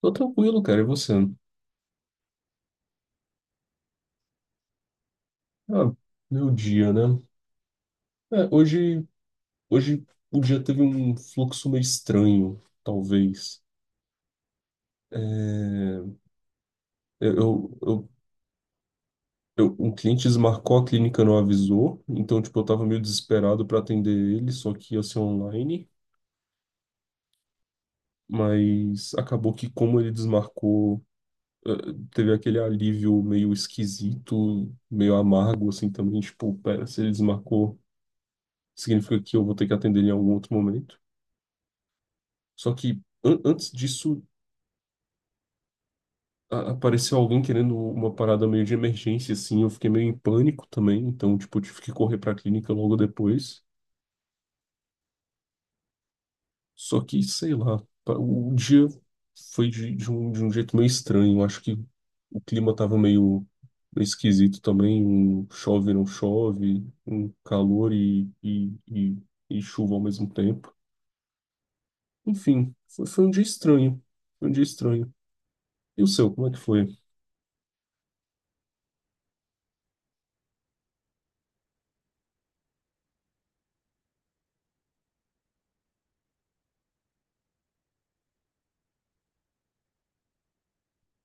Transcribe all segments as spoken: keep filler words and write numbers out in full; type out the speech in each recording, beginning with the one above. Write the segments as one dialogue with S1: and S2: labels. S1: Tô tranquilo, cara. E você? Ah, meu dia, né? É, hoje, hoje o dia teve um fluxo meio estranho, talvez. É, eu, eu, eu- um cliente desmarcou, a clínica não avisou, então, tipo, eu tava meio desesperado para atender ele, só que ia ser online. Mas acabou que, como ele desmarcou, eh, teve aquele alívio meio esquisito, meio amargo, assim, também. Tipo, pera, se ele desmarcou, significa que eu vou ter que atender ele em algum outro momento. Só que an- antes disso a- apareceu alguém querendo uma parada meio de emergência, assim. Eu fiquei meio em pânico também, então, tipo, eu tive que correr pra clínica logo depois. Só que, sei lá, pa- o dia foi de, de um, de um jeito meio estranho. Eu Acho que o clima tava meio, meio esquisito também. Um chove, não chove, um calor e, e, e, e chuva ao mesmo tempo. Enfim, foi, foi um dia estranho. Foi um dia estranho. E o seu, como é que foi?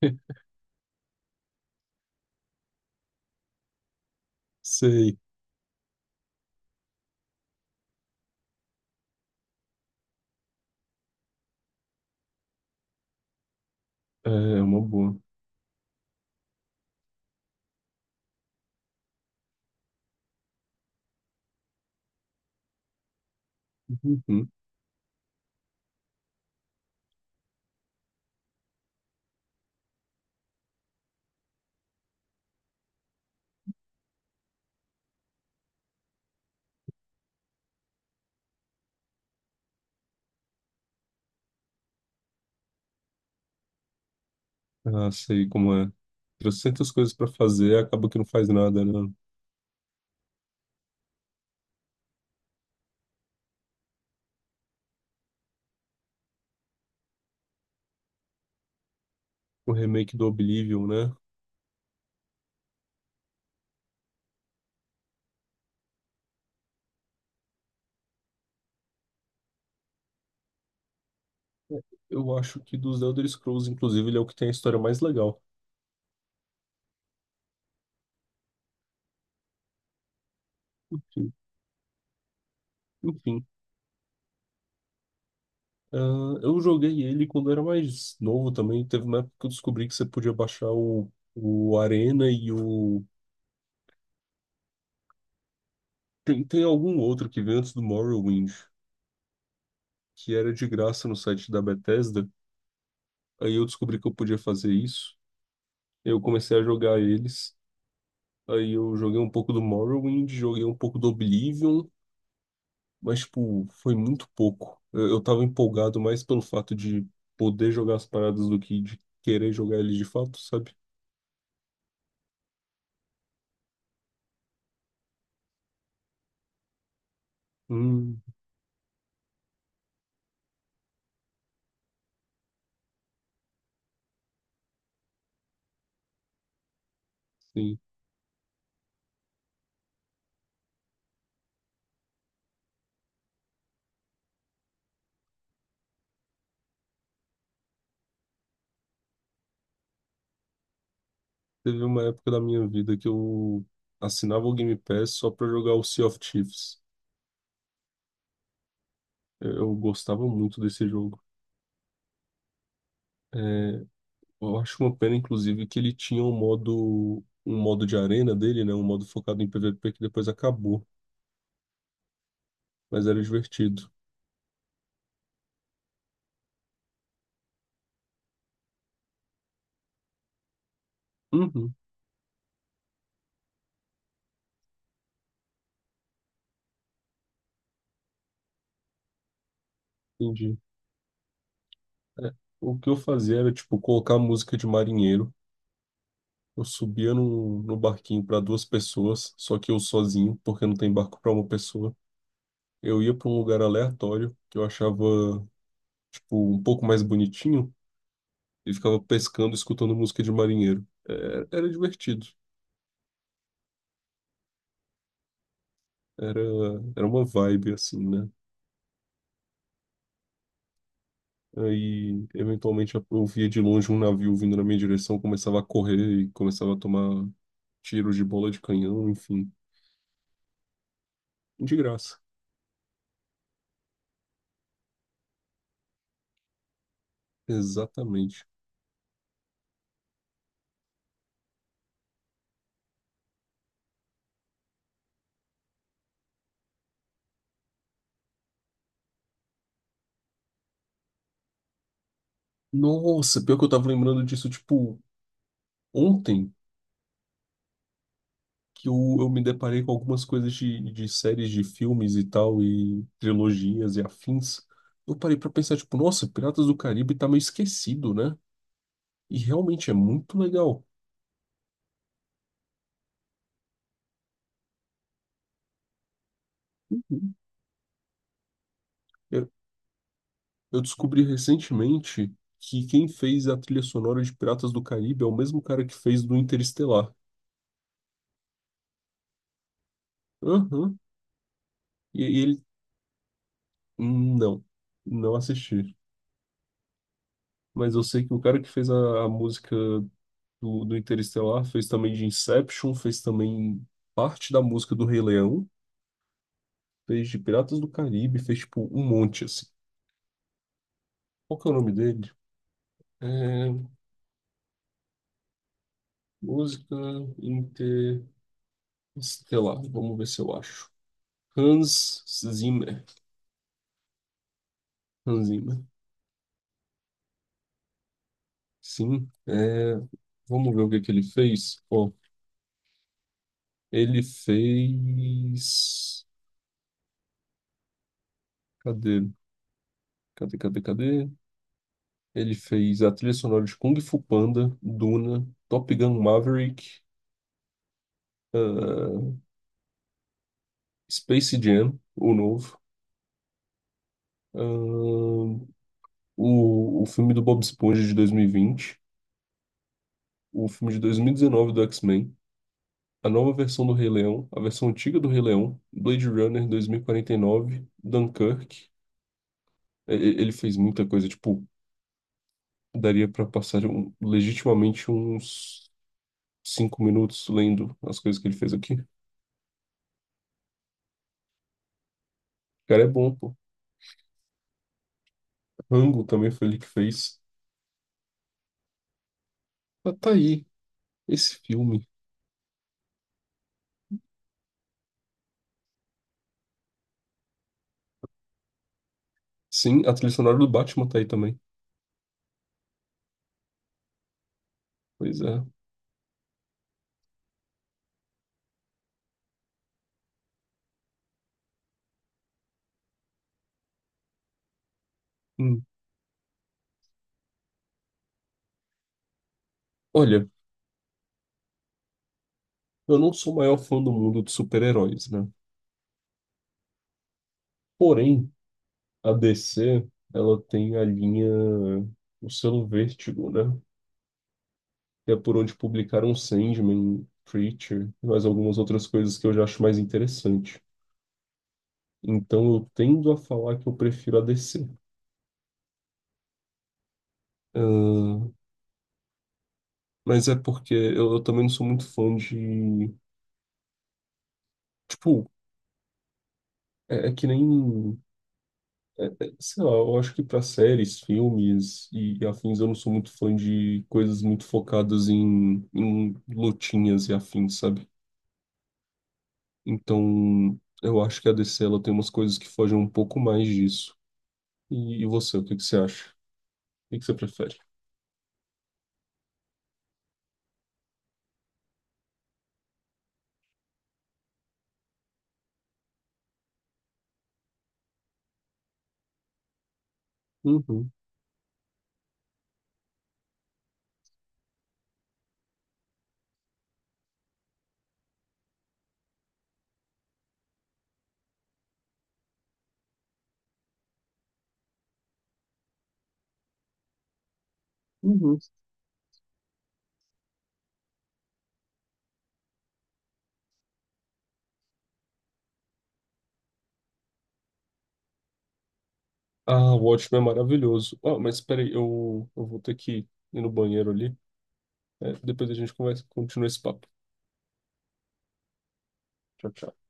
S1: Sei, é é uma boa. Uhum. Ah, sei como é. Trocentas coisas pra fazer, acaba que não faz nada, né? O remake do Oblivion, né? É, Eu acho que dos Elder Scrolls, inclusive, ele é o que tem a história mais legal. Enfim, enfim. Ah, eu joguei ele quando eu era mais novo também. Teve uma época que eu descobri que você podia baixar o, o Arena e o. Tem, tem algum outro que veio antes do Morrowind, que era de graça no site da Bethesda. Aí eu descobri que eu podia fazer isso. Eu comecei a jogar eles. Aí eu joguei um pouco do Morrowind, joguei um pouco do Oblivion, mas, tipo, foi muito pouco. Eu, eu tava empolgado mais pelo fato de poder jogar as paradas do que de querer jogar ele de fato, sabe? Hum, sim. Teve uma época da minha vida que eu assinava o Game Pass só pra jogar o Sea of Thieves. Eu, eu gostava muito desse jogo. É, eu acho uma pena, inclusive, que ele tinha um modo, um modo de arena dele, né? Um modo focado em P V P que depois acabou, mas era divertido. Uhum. Entendi. É, O que eu fazia era, tipo, colocar música de marinheiro. Eu subia no, no barquinho para duas pessoas, só que eu sozinho, porque não tem barco para uma pessoa. Eu ia para um lugar aleatório que eu achava, tipo, um pouco mais bonitinho e ficava pescando, escutando música de marinheiro. Era, era divertido. Era, era uma vibe, assim, né? Aí, eventualmente, eu via de longe um navio vindo na minha direção, começava a correr e começava a tomar tiros de bola de canhão, enfim, de graça. Exatamente. Nossa, pior que eu tava lembrando disso, tipo, ontem, que eu, eu me deparei com algumas coisas de, de séries de filmes e tal, e trilogias e afins. Eu parei pra pensar, tipo, nossa, Piratas do Caribe tá meio esquecido, né? E realmente é muito legal. Eu, eu descobri recentemente que quem fez a trilha sonora de Piratas do Caribe é o mesmo cara que fez do Interestelar. Aham. E, e ele. Hum, Não, não assisti. Mas eu sei que o cara que fez a, a música do, do Interestelar, fez também de Inception, fez também parte da música do Rei Leão, fez de Piratas do Caribe, fez tipo um monte assim. Qual que é o nome dele? É, música Interestelar, vamos ver se eu acho. Hans Zimmer. Hans Zimmer. Sim, é, vamos ver o que que ele fez. Ó, ele fez. Cadê? Cadê, cadê, cadê? Ele fez a trilha sonora de Kung Fu Panda, Duna, Top Gun Maverick, ah, Space Jam, o novo, ah, o, o filme do Bob Esponja de dois mil e vinte, o filme de dois mil e dezenove do X-Men, a nova versão do Rei Leão, a versão antiga do Rei Leão, Blade Runner dois mil e quarenta e nove, Dunkirk. E- e- Ele fez muita coisa, tipo, daria pra passar um- legitimamente uns cinco minutos lendo as coisas que ele fez aqui. O cara é bom, pô. Rango também foi ele que fez. Mas tá aí, esse filme. Sim, a trilha sonora do Batman tá aí também. Pois é. Hum. Olha, eu não sou o maior fã do mundo de super-heróis, né? Porém, a D C, ela tem a linha, o selo Vértigo, né? Que é por onde publicaram Sandman, Preacher, e mais algumas outras coisas que eu já acho mais interessante. Então eu tendo a falar que eu prefiro a D C. Ah, mas é porque eu, eu também não sou muito fã de. Tipo, é, é que nem. É, é, Sei lá, eu acho que para séries, filmes e, e afins, eu não sou muito fã de coisas muito focadas em, em lutinhas e afins, sabe? Então, eu acho que a D C ela tem umas coisas que fogem um pouco mais disso. E, e você, o que que você acha? O que que você prefere? Uhum, uhum. Ah, o Watchmen é maravilhoso. Ah, mas peraí, eu, eu vou ter que ir no banheiro ali. É, depois a gente conversa, continua esse papo. Tchau, tchau.